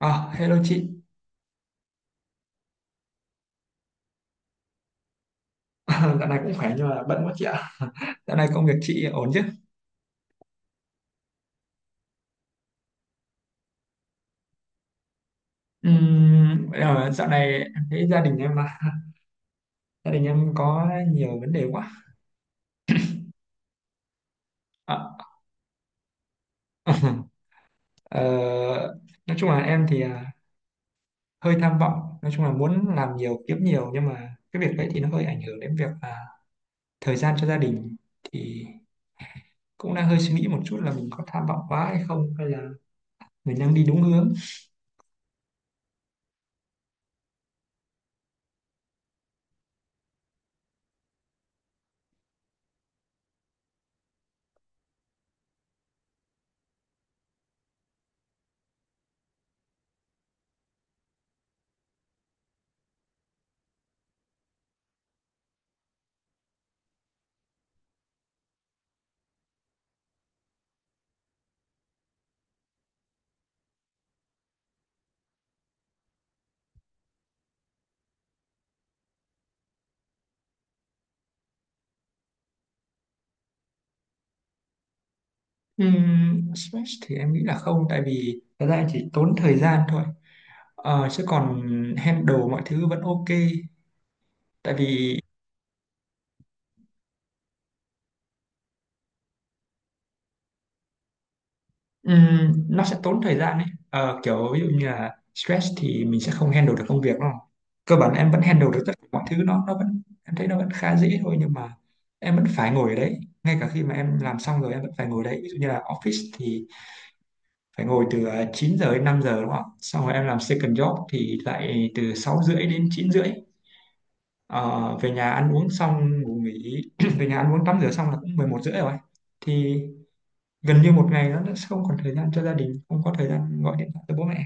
À, hello chị. Dạo này cũng khỏe nhưng mà bận quá chị ạ. Dạo này công việc chị ổn chứ? Bây Dạo này em thấy gia đình em mà gia đình em có nhiều vấn đề quá. À, ờ, nói chung là em thì hơi tham vọng. Nói chung là muốn làm nhiều, kiếm nhiều nhưng mà cái việc đấy thì nó hơi ảnh hưởng đến việc là thời gian cho gia đình. Thì cũng đang hơi suy nghĩ một chút là mình có tham vọng quá hay không hay là mình đang đi đúng hướng. Stress thì em nghĩ là không, tại vì thật ra em chỉ tốn thời gian thôi. Chứ còn handle mọi thứ vẫn ok, tại vì nó sẽ tốn thời gian ấy. Ờ, Kiểu ví dụ như là stress thì mình sẽ không handle được công việc, đúng không? Cơ bản em vẫn handle được tất cả mọi thứ, nó vẫn em thấy nó vẫn khá dễ thôi, nhưng mà em vẫn phải ngồi ở đấy ngay cả khi mà em làm xong rồi, em vẫn phải ngồi đấy. Ví dụ như là office thì phải ngồi từ 9 giờ đến 5 giờ, đúng không? Xong rồi em làm second job thì lại từ 6 rưỡi đến 9 rưỡi. Ờ, về nhà ăn uống xong ngủ nghỉ Về nhà ăn uống tắm rửa xong là cũng 11 rưỡi rồi. Thì gần như một ngày nó đã không còn thời gian cho gia đình, không có thời gian gọi điện thoại cho bố mẹ.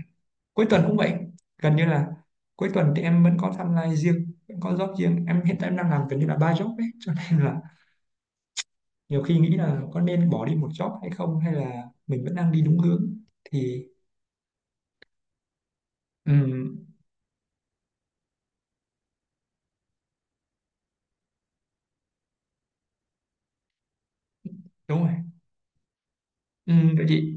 Cuối tuần cũng vậy, gần như là cuối tuần thì em vẫn có timeline riêng, vẫn có job riêng. Em hiện tại em đang làm gần như là 3 job ấy, cho nên là nhiều khi nghĩ là có nên bỏ đi một job hay không, hay là mình vẫn đang đi đúng hướng. Thì ừm, đúng rồi. Vậy thì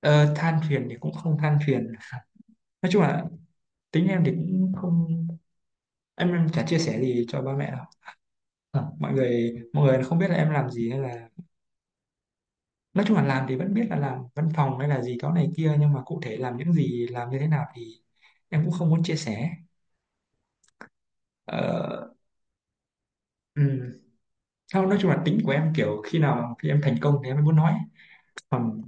ờ, than phiền thì cũng không than phiền. Nói chung là tính em thì cũng không, em chả chia sẻ gì cho ba mẹ đâu. Mọi người không biết là em làm gì, hay là nói chung là làm thì vẫn biết là làm văn phòng hay là gì đó này kia, nhưng mà cụ thể làm những gì, làm như thế nào thì em cũng không muốn chia sẻ. ờ, ừm, Không, nói chung là tính của em kiểu khi em thành công thì em mới muốn nói. còn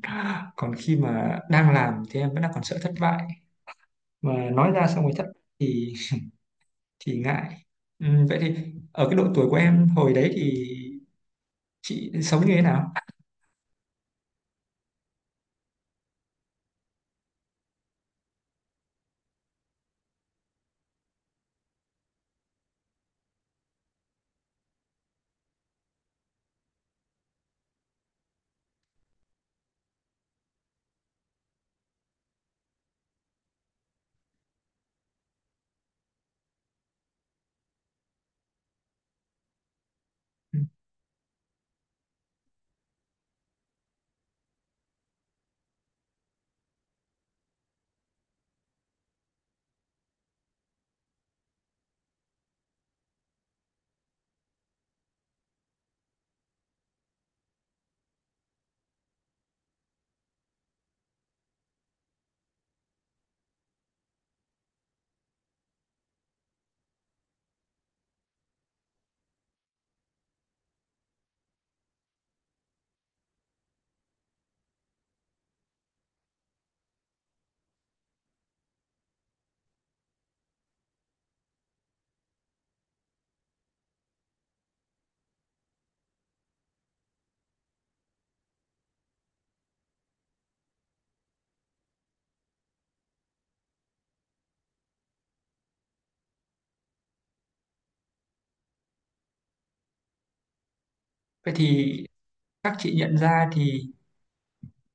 còn khi mà đang làm thì em vẫn đang còn sợ thất bại, mà nói ra xong rồi thất bại thì thì ngại. Vậy thì ở cái độ tuổi của em hồi đấy thì chị sống như thế nào? Vậy thì các chị nhận ra thì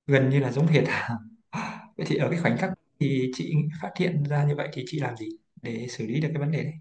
gần như là giống hệt à? Vậy thì ở cái khoảnh khắc thì chị phát hiện ra như vậy thì chị làm gì để xử lý được cái vấn đề đấy?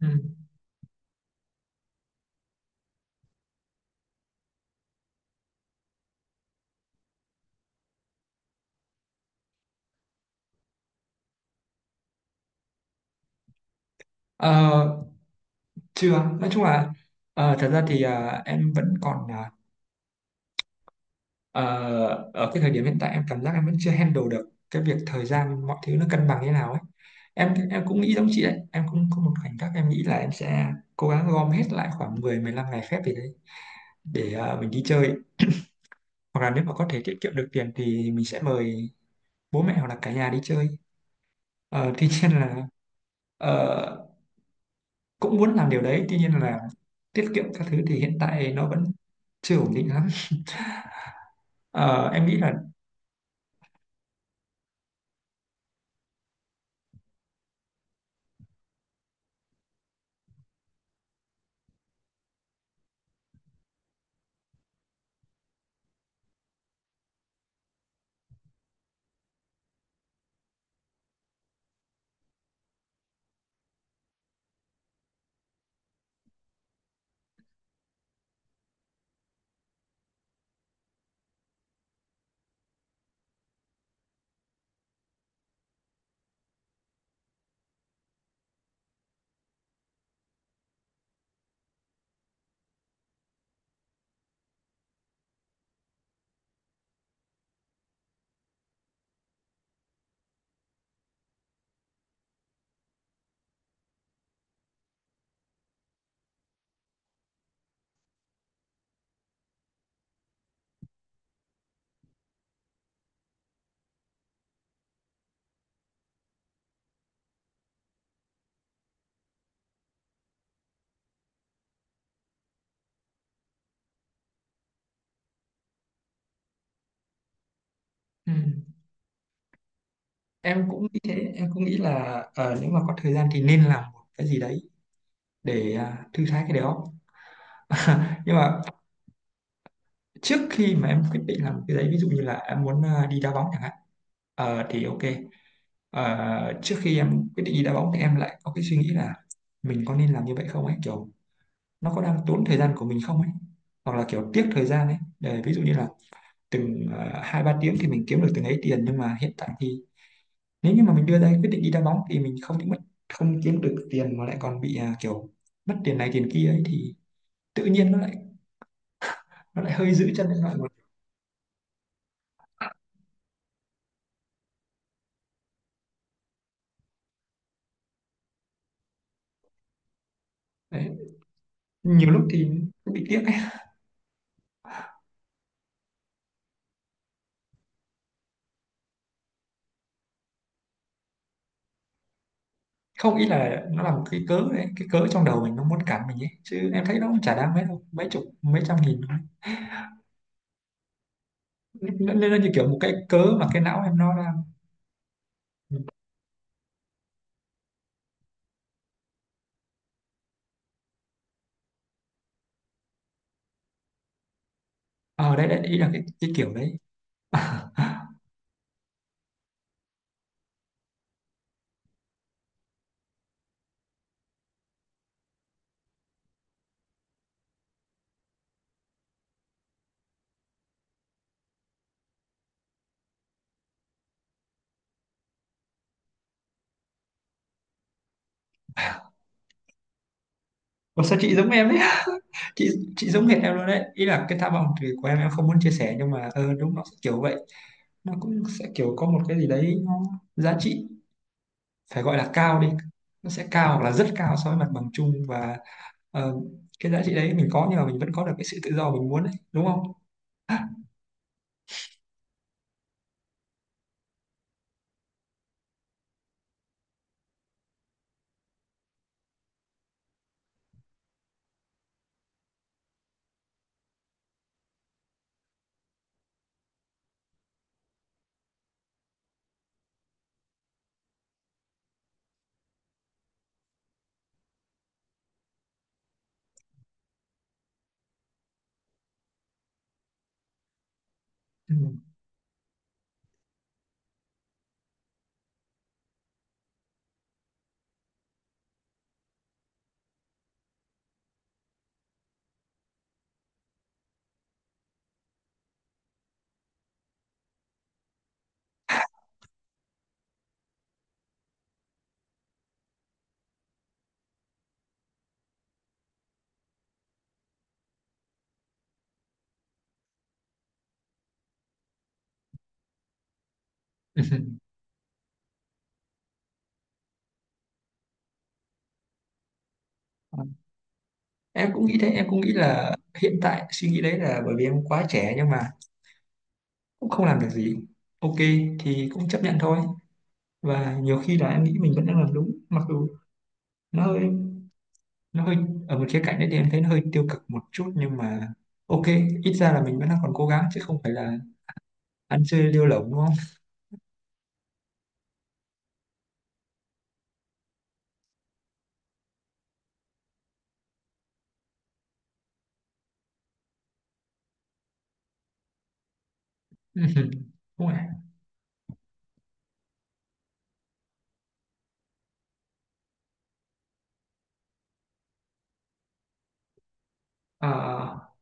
Ừ. Ờ, Chưa, nói chung là thật ra thì em vẫn còn ờ, ở cái thời điểm hiện tại em cảm giác em vẫn chưa handle được cái việc thời gian mọi thứ nó cân bằng như nào ấy. Em cũng nghĩ giống chị đấy, em cũng có một khoảnh khắc em nghĩ là em sẽ cố gắng gom hết lại khoảng 10-15 ngày phép gì đấy để mình đi chơi. Hoặc là nếu mà có thể tiết kiệm được tiền thì mình sẽ mời bố mẹ hoặc là cả nhà đi chơi. Ờ, Tuy nhiên là ờ, cũng muốn làm điều đấy, tuy nhiên là tiết kiệm các thứ thì hiện tại nó vẫn chưa ổn định lắm. Ờ, em nghĩ là ừ, em cũng nghĩ thế, em cũng nghĩ là nếu mà có thời gian thì nên làm một cái gì đấy để thư thái cái đó. Nhưng mà trước khi mà em quyết định làm cái đấy, ví dụ như là em muốn đi đá bóng chẳng hạn, thì ok. Trước khi em quyết định đi đá bóng thì em lại có cái suy nghĩ là mình có nên làm như vậy không ấy, kiểu nó có đang tốn thời gian của mình không ấy, hoặc là kiểu tiếc thời gian ấy, để ví dụ như là từng 2-3 tiếng thì mình kiếm được từng ấy tiền, nhưng mà hiện tại thì nếu như mà mình đưa ra cái quyết định đi đá bóng thì mình không những mất, không kiếm được tiền mà lại còn bị kiểu mất tiền này tiền kia ấy, thì tự nhiên nó lại hơi giữ chân lên lại một. Đấy. Nhiều lúc thì cũng bị tiếc ấy. Không, ý là nó là một cái cớ đấy, cái cớ trong đầu mình nó muốn cản mình ấy, chứ em thấy nó cũng chả đáng mấy đâu, mấy chục mấy trăm nghìn thôi. Nên nên nó như kiểu một cái cớ mà cái não em nó ờ đấy đấy, ý là cái kiểu đấy. Ủa sao chị giống em đấy, chị chị giống hệt em luôn đấy, ý là cái tham vọng thì của em không muốn chia sẻ, nhưng mà đúng nó sẽ kiểu vậy. Nó cũng sẽ kiểu có một cái gì đấy nó giá trị, phải gọi là cao đi, nó sẽ cao hoặc là rất cao so với mặt bằng chung, và ờ, cái giá trị đấy mình có nhưng mà mình vẫn có được cái sự tự do mình muốn đấy, đúng không? Ừ. Em cũng nghĩ thế, em cũng nghĩ là hiện tại suy nghĩ đấy là bởi vì em quá trẻ, nhưng mà cũng không làm được gì. Ok, thì cũng chấp nhận thôi. Và nhiều khi là em nghĩ mình vẫn đang làm đúng, mặc dù nó hơi nó hơi ở một khía cạnh đấy thì em thấy nó hơi tiêu cực một chút, nhưng mà ok, ít ra là mình vẫn đang còn cố gắng chứ không phải là ăn chơi lêu lổng, đúng không? Đúng rồi. à,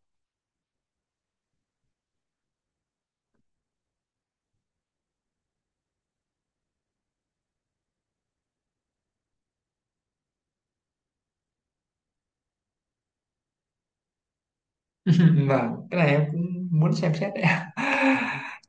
và cái này em cũng muốn xem xét đấy.